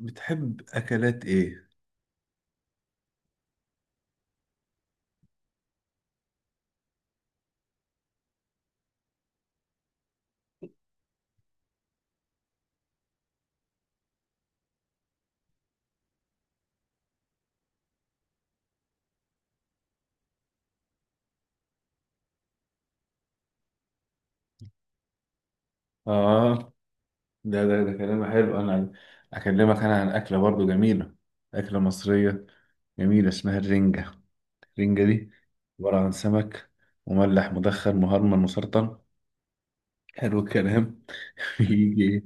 بتحب أكلات إيه؟ آه، ده كلام حلو. انا اكلمك انا عن اكله برضو جميله، اكله مصريه جميله اسمها الرنجه. الرنجه دي عباره عن سمك مملح مدخن مهرمن مسرطن. حلو الكلام. بيجي ايه؟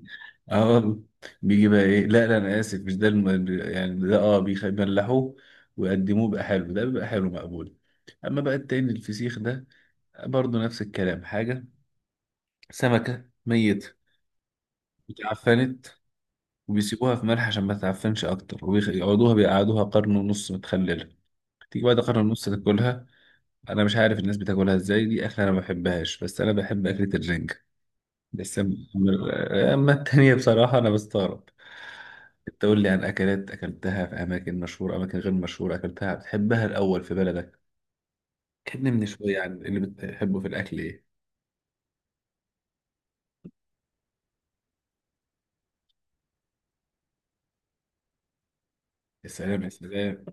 اه والله. بيجي بقى ايه؟ لا لا، انا اسف، مش ده يعني ده بيملحوه ويقدموه بقى. حلو ده، بيبقى حلو مقبول. اما بقى التاني الفسيخ ده برضو نفس الكلام، حاجه، سمكه ميت اتعفنت، وبيسيبوها في ملح عشان ما تعفنش اكتر، وبيقعدوها قرن ونص متخلله. تيجي بعد قرن ونص تاكلها. انا مش عارف الناس بتاكلها ازاي، دي اكله انا ما بحبهاش، بس انا بحب اكله الرنجة. بس اما التانية بصراحه انا بستغرب. انت قول لي عن اكلات اكلتها في اماكن مشهوره، اماكن غير مشهوره، اكلتها بتحبها الاول في بلدك. كلمني من شويه عن اللي بتحبه في الاكل ايه. يا سلام يا سلام.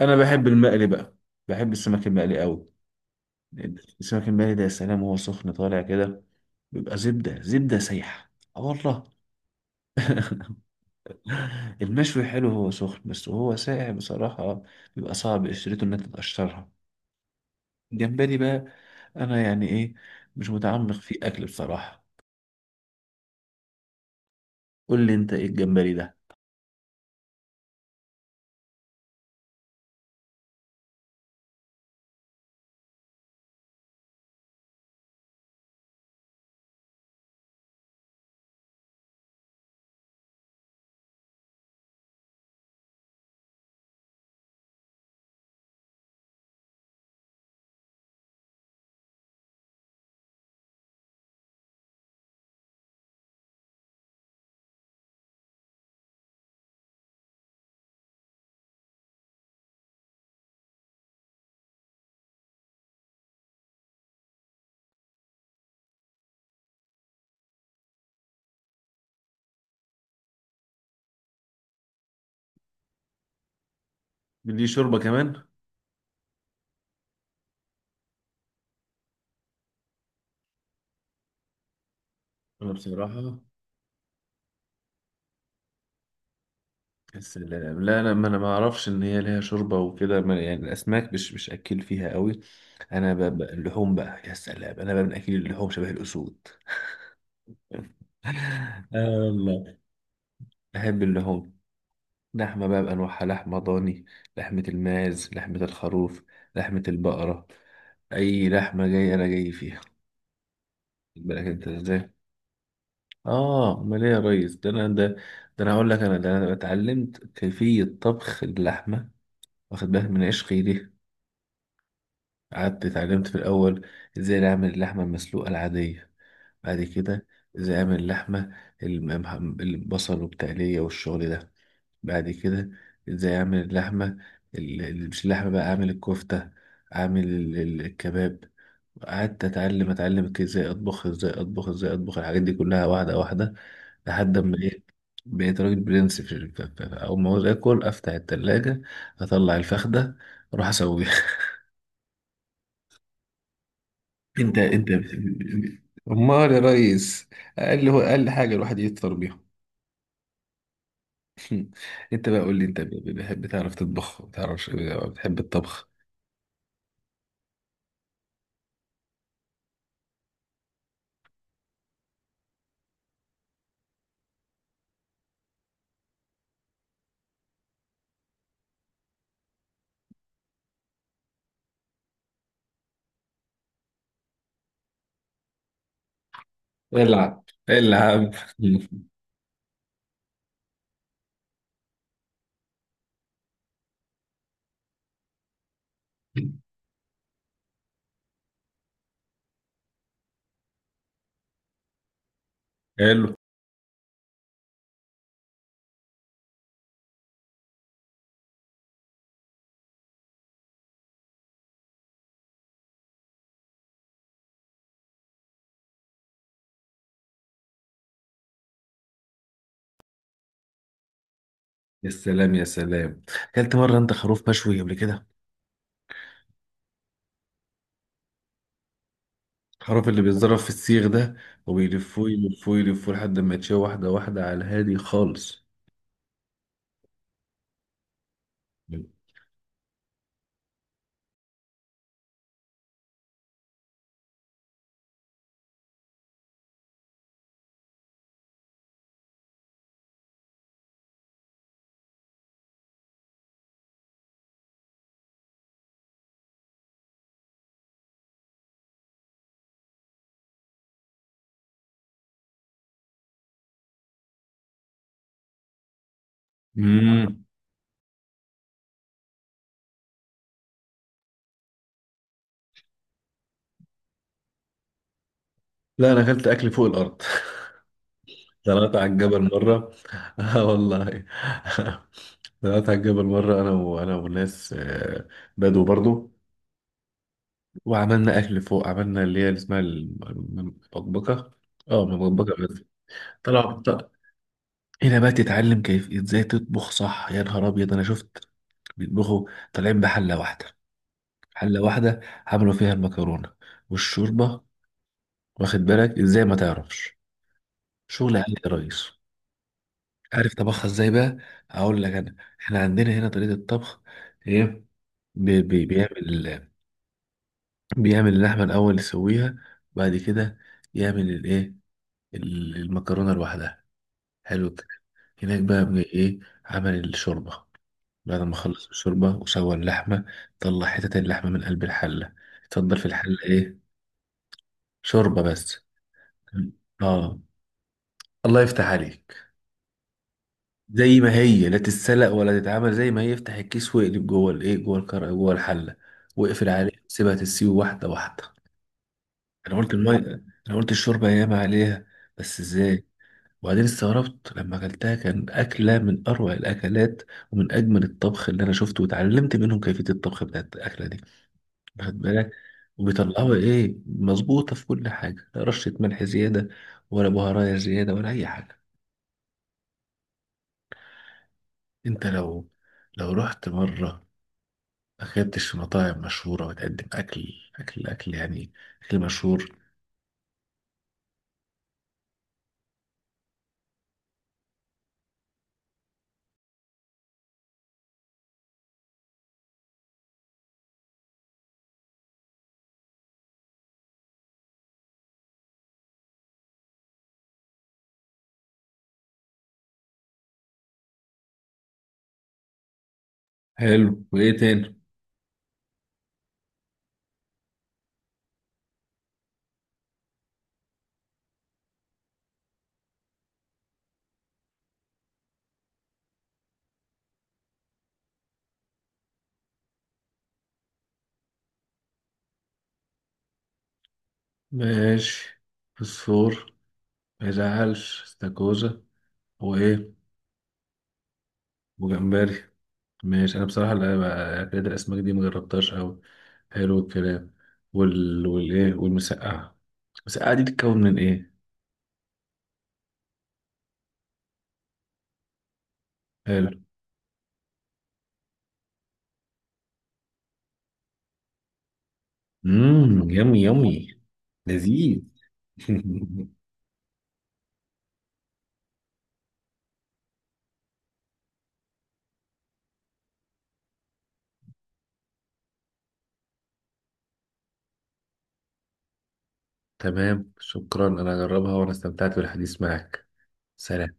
انا بحب المقلي بقى، بحب السمك المقلي قوي. السمك المقلي ده يا سلام، وهو سخن طالع كده بيبقى زبدة زبدة سايحة. اه والله. المشوي حلو هو سخن بس، وهو ساقع بصراحة بيبقى صعب قشرته إنها تتقشرها. الجمبري بقى، أنا يعني إيه، مش متعمق في أكل بصراحة. قول لي أنت إيه الجمبري ده؟ ليه شوربة كمان؟ أنا بصراحة، يا سلام، لا أنا ما أعرفش إن هي ليها شوربة وكده يعني الأسماك مش أكل فيها قوي. أنا بقى اللحوم بقى، يا سلام، أنا بقى من أكل اللحوم شبه الأسود. آه والله، بحب اللحوم. لحمة بقى بأنواعها، لحمة ضاني، لحمة الماعز، لحمة الخروف، لحمة البقرة، أي لحمة جاية أنا جاي فيها. خد بالك أنت إزاي؟ آه، أمال إيه يا ريس؟ ده أنا هقول لك، أنا اتعلمت كيفية طبخ اللحمة، واخد بالك من عشقي ليه. قعدت اتعلمت في الأول إزاي أعمل اللحمة المسلوقة العادية. بعد كده إزاي أعمل اللحمة، البصل والتقلية والشغل ده. بعد كده ازاي اعمل اللحمه، مش اللحمه بقى اعمل الكفته، اعمل الكباب. قعدت اتعلم ازاي اطبخ الحاجات دي كلها واحده واحده لحد ما ايه، بقيت راجل برنس. في اول ما عاوز اكل افتح التلاجة، اطلع الفخده، اروح اسويها. انت انت بت- امال يا ريس، اقل هو اقل حاجه الواحد يفطر بيها. انت بقى قول لي انت، بتحب تعرف تطبخ؟ بتعرف بتحب الطبخ؟ العب العب. حلو. يا سلام يا سلام. اكلت مره انت خروف مشوي قبل كده؟ الخروف اللي بيتضرب في السيخ ده، وبيلفوه يلفوه يلفوه لحد ما يتشوي واحده واحده على الهادي خالص. امم. لا انا اكلت اكل فوق الارض. طلعت على الجبل مره. اه والله. طلعت على الجبل مره، انا وناس بدو برضو. وعملنا اكل فوق، عملنا اللي هي اللي اسمها المبكبكه. اه المبكبكه بس. طلعوا هنا بقى تتعلم كيف ازاي تطبخ صح. يا نهار ابيض انا شفت بيطبخوا طالعين بحله واحده، حله واحده عملوا فيها المكرونه والشوربه. واخد بالك ازاي ما تعرفش؟ شغل عالي يا ريس. عارف طبخها ازاي بقى؟ اقول لك انا. احنا عندنا هنا طريقه الطبخ ايه، بي بي بيعمل بيعمل اللحمه الاول يسويها، وبعد كده يعمل الايه، المكرونه لوحدها. حلو الكلام. هناك بقى ايه، عمل الشوربه. بعد ما خلص الشوربة وسوى اللحمة طلع حتة اللحمة من قلب الحلة، اتفضل في الحلة ايه، شوربة بس. اه، الله يفتح عليك. زي ما هي لا تتسلق ولا تتعمل، زي ما هي افتح الكيس واقلب جوه الايه، جوه جوه الحلة، واقفل عليه سيبها تسيب واحدة واحدة. انا قلت المية، انا قلت الشوربة ياما عليها، بس ازاي. وبعدين استغربت لما اكلتها، كان اكله من اروع الاكلات، ومن اجمل الطبخ اللي انا شفته، وتعلمت منهم كيفيه الطبخ بتاعت الاكله دي. واخد بالك، وبيطلعوا ايه مظبوطة في كل حاجة، لا رشة ملح زيادة، ولا بهارات زيادة، ولا أي حاجة. انت لو، لو رحت مرة ما اكلتش في مطاعم مشهورة وتقدم أكل أكل أكل يعني أكل مشهور. حلو، وإيه تاني؟ ماشي. فسفور. ما يزعلش استاكوزا. وإيه؟ وجمبري. ماشي، أنا بصراحة لا أكلات الأسماك دي مجربتهاش أوي. حلو الكلام. والإيه، والمسقعة. المسقعة دي بتتكون من إيه؟ حلو. يمي يمي. لذيذ. تمام، شكرا، انا هجربها، وانا استمتعت بالحديث معك. سلام.